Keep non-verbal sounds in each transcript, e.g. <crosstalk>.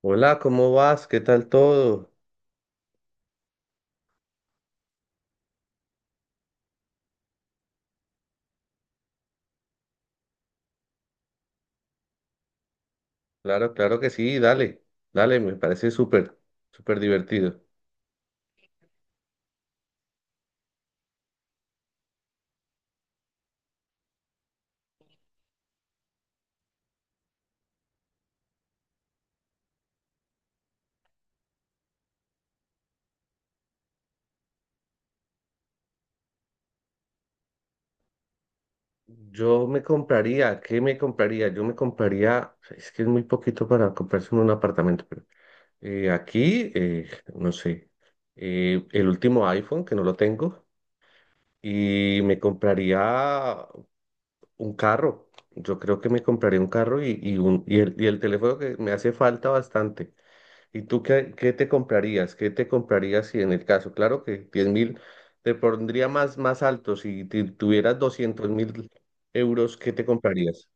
Hola, ¿cómo vas? ¿Qué tal todo? Claro, claro que sí, dale, dale, me parece súper, súper divertido. Yo me compraría, ¿qué me compraría? Yo me compraría, es que es muy poquito para comprarse un apartamento, pero aquí, no sé, el último iPhone, que no lo tengo, y me compraría un carro. Yo creo que me compraría un carro y el teléfono que me hace falta bastante. ¿Y tú qué te comprarías? ¿Qué te comprarías si en el caso? Claro que 10.000 te pondría más, más alto. Si tuvieras 200.000 euros, ¿qué te comprarías?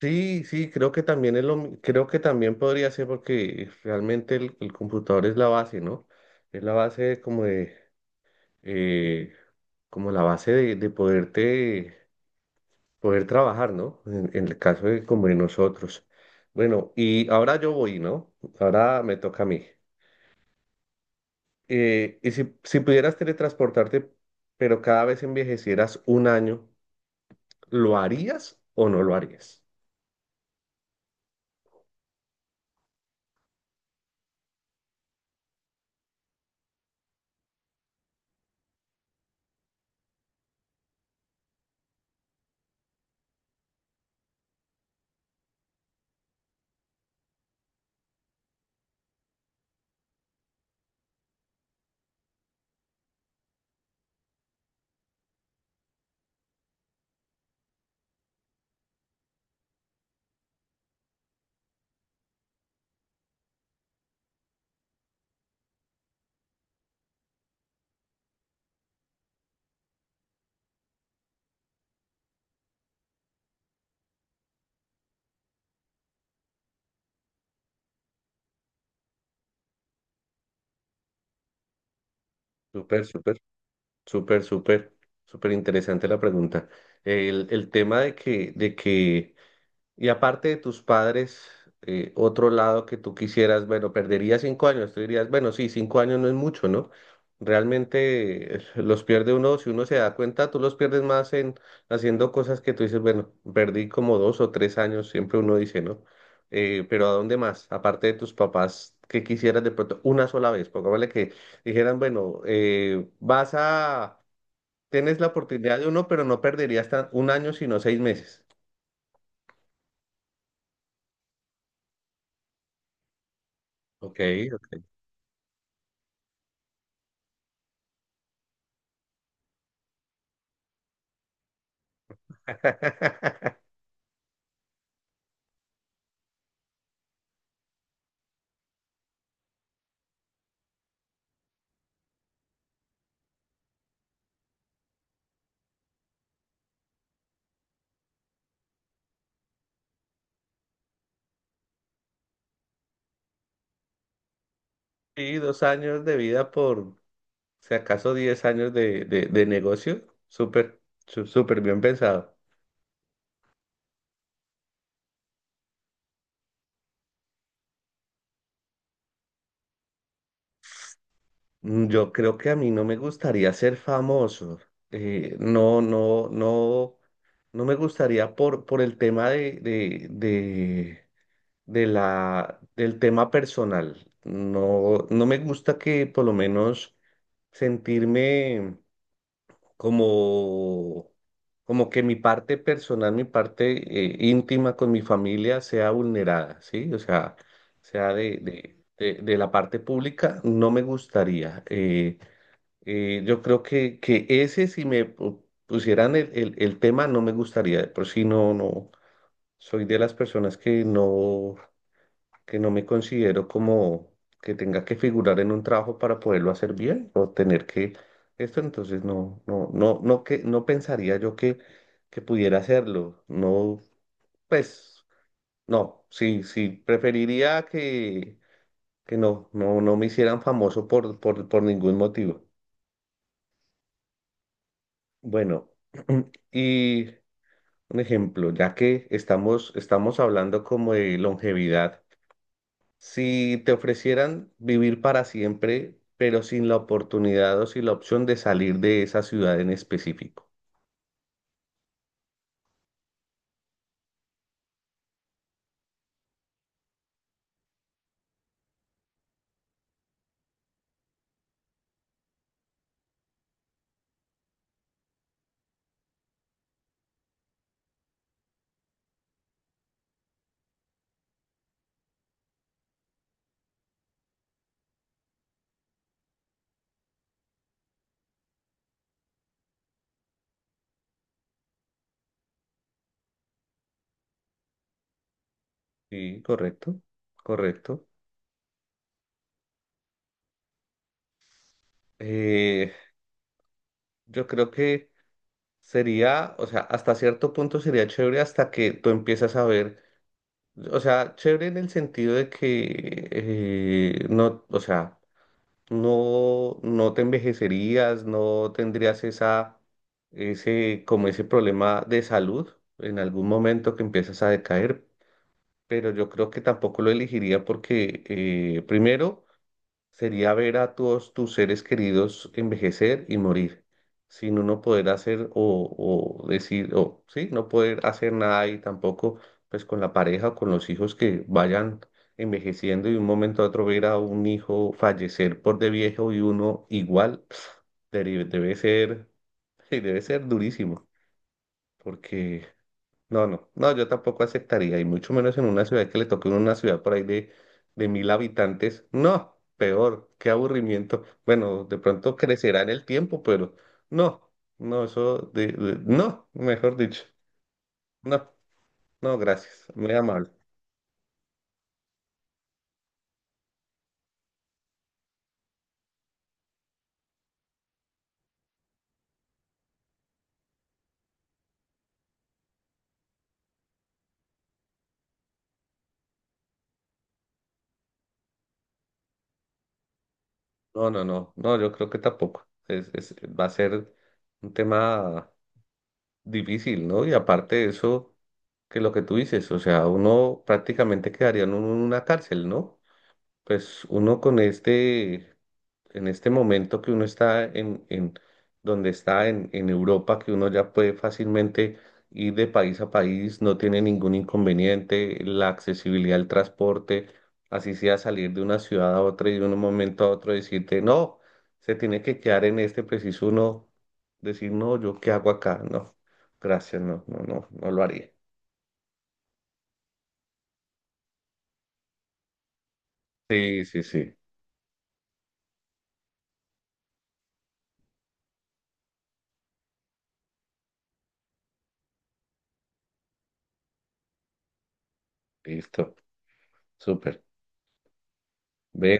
Sí, sí, creo que también es creo que también podría ser porque realmente el computador es la base, ¿no? Es la base como de, eh, como la base de poderte, poder trabajar, ¿no? En el caso de como de nosotros. Bueno, y ahora yo voy, ¿no? Ahora me toca a mí. Y si pudieras teletransportarte, pero cada vez envejecieras un año, ¿lo harías o no lo harías? Súper, súper, súper, súper, súper interesante la pregunta. El tema de que, y aparte de tus padres, otro lado que tú quisieras, bueno, perdería 5 años, tú dirías, bueno, sí, 5 años no es mucho, ¿no? Realmente <laughs> los pierde uno, si uno se da cuenta, tú los pierdes más en haciendo cosas que tú dices, bueno, perdí como 2 o 3 años, siempre uno dice, ¿no? Pero ¿a dónde más? Aparte de tus papás, ¿qué quisieras de pronto? Una sola vez, pongámosle que dijeran, bueno, vas a, tienes la oportunidad de uno, pero no perderías 1 año, sino 6 meses. Ok. <laughs> Sí, 2 años de vida por, si acaso, 10 años de negocio. Súper, súper bien pensado. Yo creo que a mí no me gustaría ser famoso. No, no me gustaría por el tema de del tema personal. No, no me gusta que por lo menos sentirme, como, como que mi parte personal, mi parte íntima con mi familia sea vulnerada, ¿sí? O sea, sea de la parte pública, no me gustaría. Yo creo que ese, si me pusieran el tema, no me gustaría. De por si no, no, soy de las personas que no, que no me considero como que tenga que figurar en un trabajo para poderlo hacer bien o tener que esto, entonces no, que no pensaría yo que pudiera hacerlo. No, pues, no, sí, sí, preferiría que no, no me hicieran famoso por ningún motivo. Bueno, <clears throat> y un ejemplo, ya que estamos hablando como de longevidad. Si te ofrecieran vivir para siempre, pero sin la oportunidad o sin la opción de salir de esa ciudad en específico. Sí, correcto, correcto. Eh, yo creo que sería, o sea, hasta cierto punto sería chévere hasta que tú empiezas a ver, o sea, chévere en el sentido de que no, o sea, no, no te envejecerías, no tendrías esa, ese, como ese problema de salud en algún momento que empiezas a decaer, pero yo creo que tampoco lo elegiría porque primero sería ver a todos tus seres queridos envejecer y morir, sin uno poder hacer o decir, o sí, no poder hacer nada y tampoco pues con la pareja o con los hijos que vayan envejeciendo y de un momento a otro ver a un hijo fallecer por de viejo y uno igual, <sniffs> debe, debe ser, <laughs> debe ser durísimo, porque no, no, no, yo tampoco aceptaría, y mucho menos en una ciudad que le toque una ciudad por ahí de 1.000 habitantes. No, peor, qué aburrimiento. Bueno, de pronto crecerá en el tiempo, pero no, no, eso no, mejor dicho, no, no, gracias, muy amable. No, no, no, no, yo creo que tampoco. Es, va a ser un tema difícil, ¿no? Y aparte de eso, que lo que tú dices, o sea, uno prácticamente quedaría en una cárcel, ¿no? Pues uno con este, en este momento que uno está en donde está en Europa, que uno ya puede fácilmente ir de país a país, no tiene ningún inconveniente, la accesibilidad al transporte, así sea salir de una ciudad a otra y de un momento a otro decirte, no, se tiene que quedar en este preciso uno, decir, no, yo qué hago acá, no, gracias, no, no, no, no lo haría. Sí, sí, sí, listo, súper. Ve,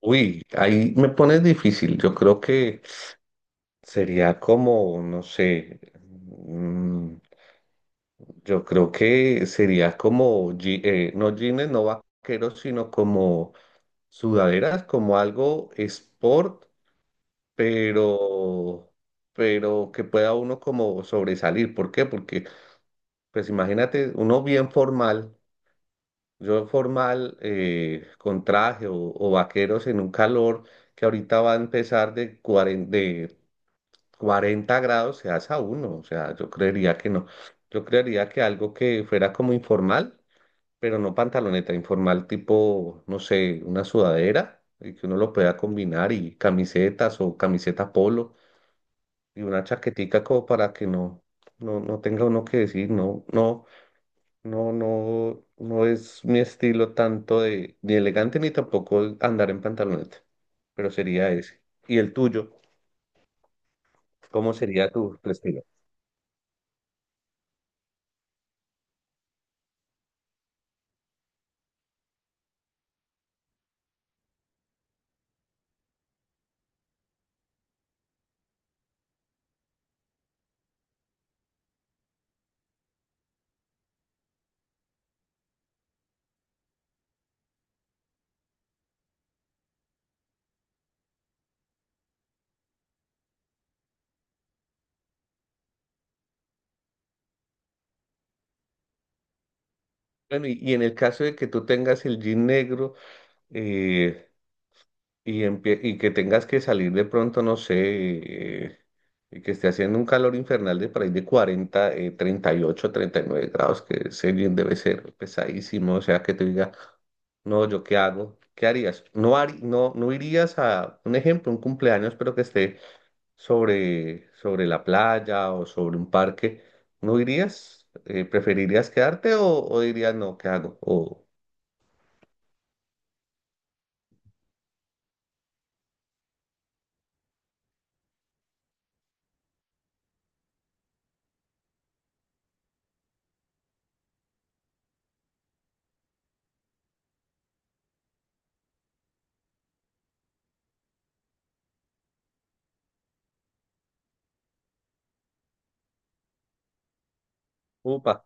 uy, ahí me pones difícil. Yo creo que sería como, no sé, mm, yo creo que sería como, no jeans, no vaqueros, sino como sudaderas, como algo sport, pero, pero que pueda uno como sobresalir. ¿Por qué? Porque, pues imagínate, uno bien formal, yo formal, con traje o vaqueros en un calor que ahorita va a empezar de 40, cuarenta grados se hace a uno, o sea, yo creería que no. Yo creería que algo que fuera como informal, pero no pantaloneta, informal tipo, no sé, una sudadera, y que uno lo pueda combinar y camisetas o camiseta polo y una chaquetica como para que no tenga uno que decir, no es mi estilo tanto de ni elegante ni tampoco andar en pantaloneta, pero sería ese. ¿Y el tuyo? ¿Cómo sería tu estilo? Bueno, y en el caso de que tú tengas el jean negro, eh, y, y que tengas que salir de pronto, no sé, y que esté haciendo un calor infernal de por ahí de 40, 38, 39 grados, que ese jean debe ser pesadísimo, o sea, que te diga, no, ¿yo qué hago? ¿Qué harías? No, no, no irías a, un ejemplo, un cumpleaños, pero que esté sobre la playa o sobre un parque, ¿no irías? ¿Preferirías quedarte o dirías, no, ¿qué hago? O, upa.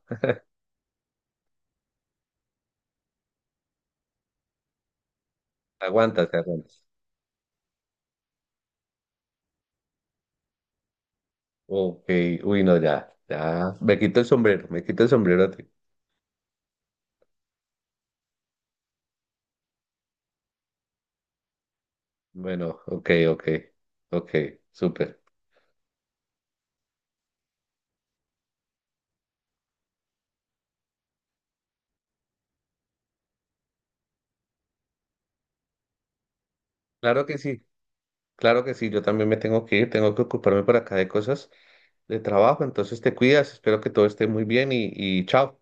Aguantas, te aguantas. Ok, uy, no, ya, ya. Me quito el sombrero, me quito el sombrero. A bueno, ok, ok, ok, súper. Claro que sí, claro que sí, yo también me tengo que ir, tengo que ocuparme por acá de cosas de trabajo, entonces te cuidas, espero que todo esté muy bien y chao.